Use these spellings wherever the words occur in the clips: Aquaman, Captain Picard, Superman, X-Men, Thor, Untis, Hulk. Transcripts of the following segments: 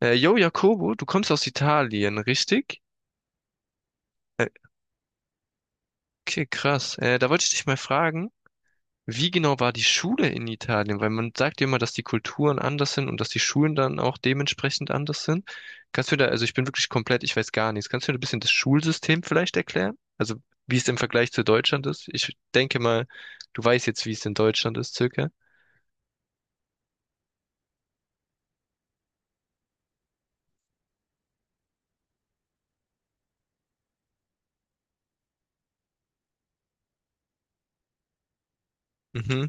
Yo, Jakobo, du kommst aus Italien, richtig? Äh, okay, krass. Da wollte ich dich mal fragen, wie genau war die Schule in Italien? Weil man sagt ja immer, dass die Kulturen anders sind und dass die Schulen dann auch dementsprechend anders sind. Kannst du da, also ich bin wirklich komplett, ich weiß gar nichts. Kannst du mir ein bisschen das Schulsystem vielleicht erklären? Also wie es im Vergleich zu Deutschland ist? Ich denke mal, du weißt jetzt, wie es in Deutschland ist, circa. Mhm.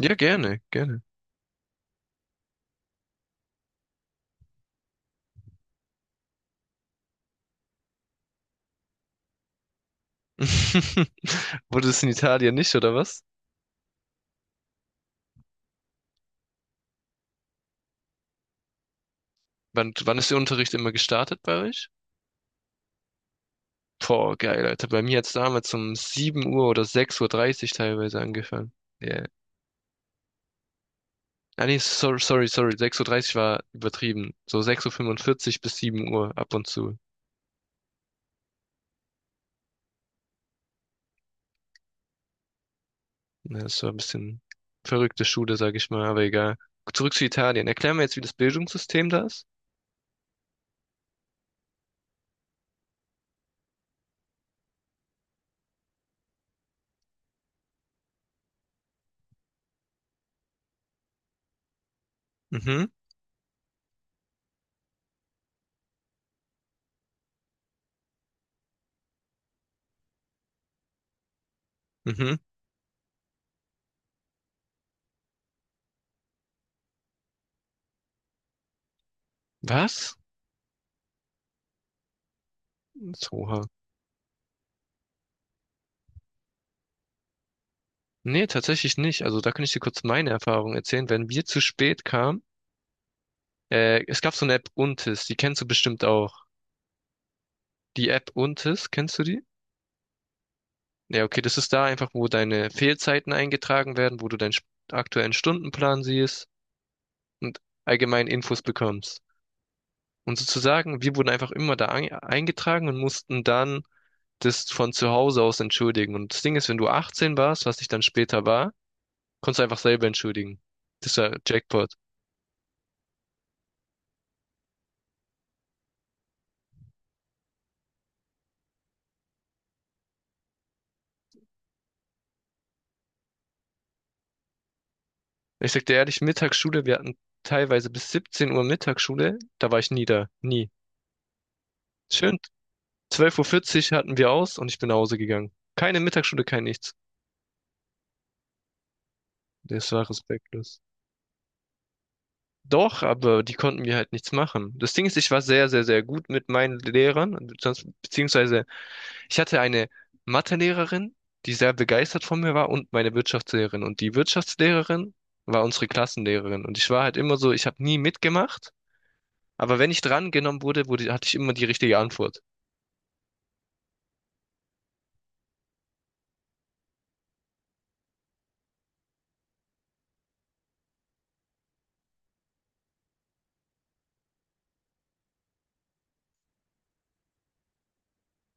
Ja, gerne, gerne. Wurde es in Italien nicht, oder was? Wann ist der Unterricht immer gestartet bei euch? Boah, geil, Alter. Bei mir hat's damals um 7 Uhr oder sechs Uhr dreißig teilweise angefangen. Ja. Ah, nee, sorry, sorry, sorry. Sechs Uhr dreißig war übertrieben. So sechs Uhr fünfundvierzig bis 7 Uhr ab und zu. Ja, das war ein bisschen verrückte Schule, sag ich mal, aber egal. Zurück zu Italien. Erklär mir jetzt, wie das Bildungssystem da ist. Mhm, mhm. Was? Oha. Nee, tatsächlich nicht. Also da kann ich dir kurz meine Erfahrung erzählen. Wenn wir zu spät kamen, es gab so eine App Untis, die kennst du bestimmt auch. Die App Untis, kennst du die? Ja, okay, das ist da einfach, wo deine Fehlzeiten eingetragen werden, wo du deinen st- aktuellen Stundenplan siehst und allgemein Infos bekommst. Und sozusagen, wir wurden einfach immer da ein- eingetragen und mussten dann das von zu Hause aus entschuldigen. Und das Ding ist, wenn du 18 warst, was ich dann später war, konntest du einfach selber entschuldigen. Das war Jackpot. Ich sag dir ehrlich, Mittagsschule, wir hatten teilweise bis 17 Uhr Mittagsschule, da war ich nie da. Nie. Schön, 12:40 Uhr vierzig hatten wir aus und ich bin nach Hause gegangen. Keine Mittagsschule, kein nichts. Das war respektlos. Doch, aber die konnten mir halt nichts machen. Das Ding ist, ich war sehr, sehr, sehr gut mit meinen Lehrern, sonst- beziehungsweise ich hatte eine Mathelehrerin, die sehr begeistert von mir war und meine Wirtschaftslehrerin. Und die Wirtschaftslehrerin war unsere Klassenlehrerin. Und ich war halt immer so, ich habe nie mitgemacht, aber wenn ich drangenommen wurde, hatte ich immer die richtige Antwort.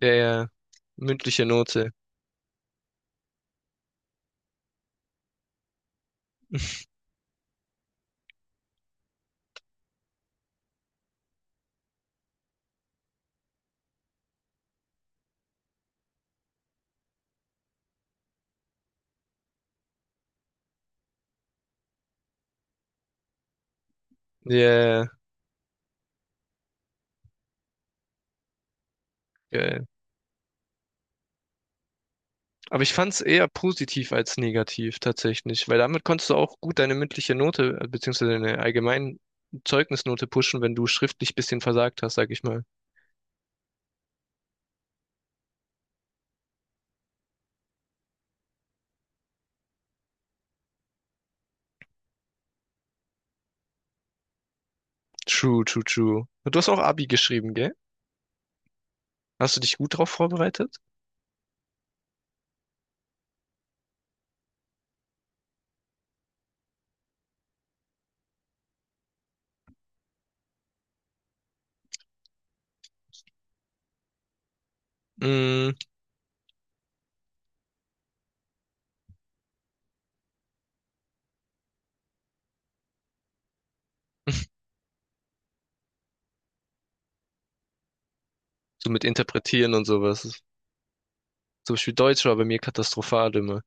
Ja, ja, mündliche Note. Ja, ja, ja. Aber ich fand es eher positiv als negativ tatsächlich, weil damit konntest du auch gut deine mündliche Note, beziehungsweise deine allgemeine Zeugnisnote pushen, wenn du schriftlich bisschen versagt hast, sag ich mal. True, true, true. Und du hast auch Abi geschrieben, gell? Hast du dich gut drauf vorbereitet? Mm, so mit Interpretieren und sowas. Zum Beispiel Deutsch war bei mir katastrophal immer.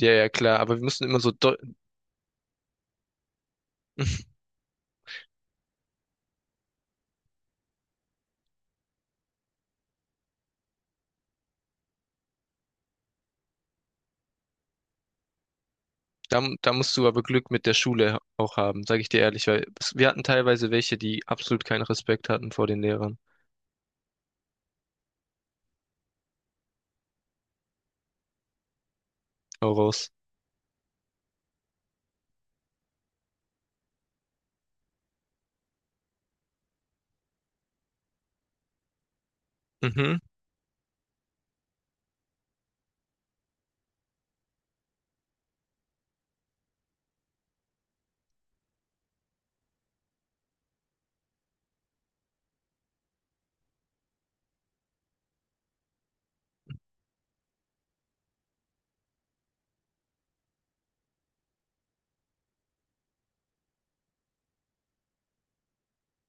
Ja, ja, klar, aber wir mussten immer so Deu Da musst du aber Glück mit der Schule auch haben, sage ich dir ehrlich, weil es- wir hatten teilweise welche, die absolut keinen Respekt hatten vor den Lehrern. Hau raus. Mhm,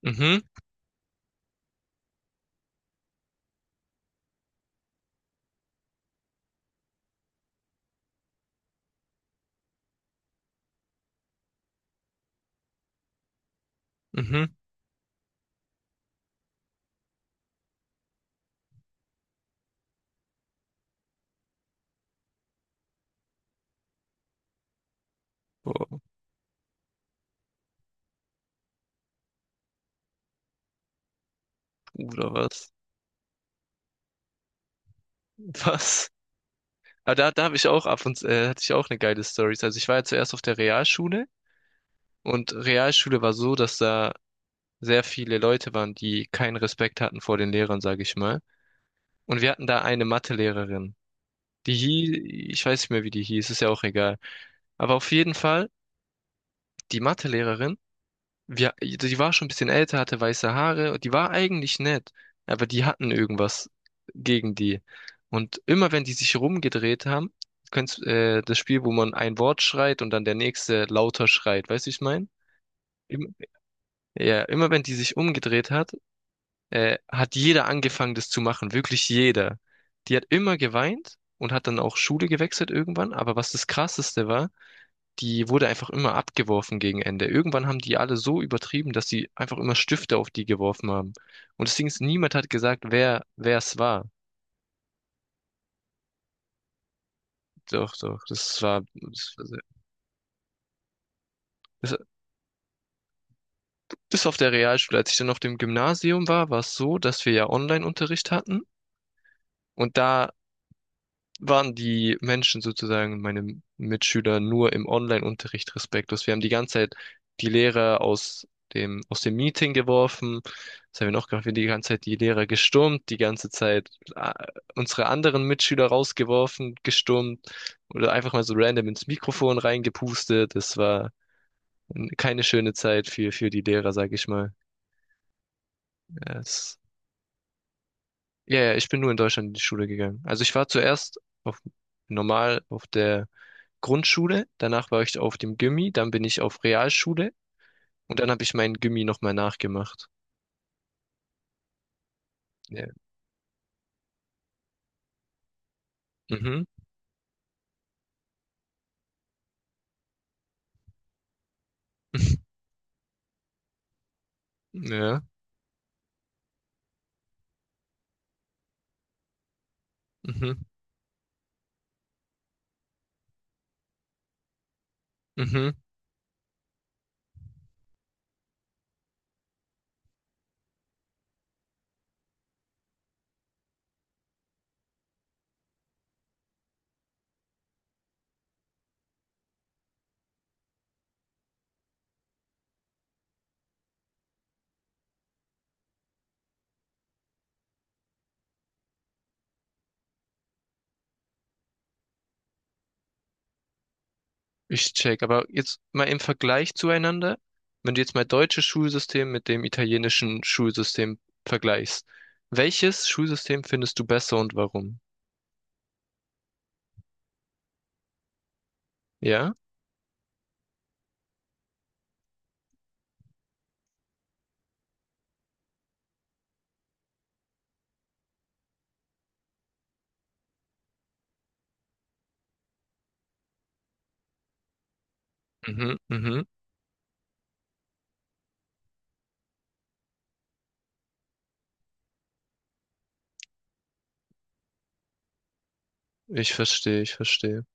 mhm, mhm. Boah, Bruder, was? Was? Aber da habe ich auch ab und zu, hatte ich auch eine geile Story. Also ich war ja zuerst auf der Realschule und Realschule war so, dass da sehr viele Leute waren, die keinen Respekt hatten vor den Lehrern, sage ich mal. Und wir hatten da eine Mathelehrerin. Die hieß, ich weiß nicht mehr, wie die hieß, ist ja auch egal. Aber auf jeden Fall, die Mathelehrerin wir, die war schon ein bisschen älter, hatte weiße Haare und die war eigentlich nett, aber die hatten irgendwas gegen die. Und immer wenn die sich rumgedreht haben, kennst das Spiel, wo man ein Wort schreit und dann der nächste lauter schreit, weißt du, wie ich meine? Im- Ja, immer wenn die sich umgedreht hat, hat jeder angefangen, das zu machen, wirklich jeder. Die hat immer geweint und hat dann auch Schule gewechselt irgendwann, aber was das Krasseste war, die wurde einfach immer abgeworfen gegen Ende. Irgendwann haben die alle so übertrieben, dass sie einfach immer Stifte auf die geworfen haben. Und deswegen ist niemand hat gesagt, wer es war. Doch, doch, das war sehr- das, bis auf der Realschule. Als ich dann auf dem Gymnasium war, war es so, dass wir ja Online-Unterricht hatten. Und da waren die Menschen sozusagen, meine Mitschüler, nur im Online-Unterricht respektlos. Wir haben die ganze Zeit die Lehrer aus dem Meeting geworfen. Was haben wir noch gemacht? Wir haben die ganze Zeit die Lehrer gestürmt, die ganze Zeit äh, unsere anderen Mitschüler rausgeworfen, gestürmt oder einfach mal so random ins Mikrofon reingepustet. Es war keine schöne Zeit für die Lehrer, sage ich mal. Ja, Es, ja, ja, ich bin nur in Deutschland in die Schule gegangen. Also ich war zuerst auf normal auf der Grundschule, danach war ich auf dem Gymi, dann bin ich auf Realschule und dann habe ich meinen Gymi nochmal nachgemacht. Ja. Mhm. Ja. Mhm. Mhm. Ich check. Aber jetzt mal im Vergleich zueinander, wenn du jetzt mal deutsches Schulsystem mit dem italienischen Schulsystem vergleichst, welches Schulsystem findest du besser und warum? Ja? Mhm. Mhm. Ich verstehe, ich verstehe.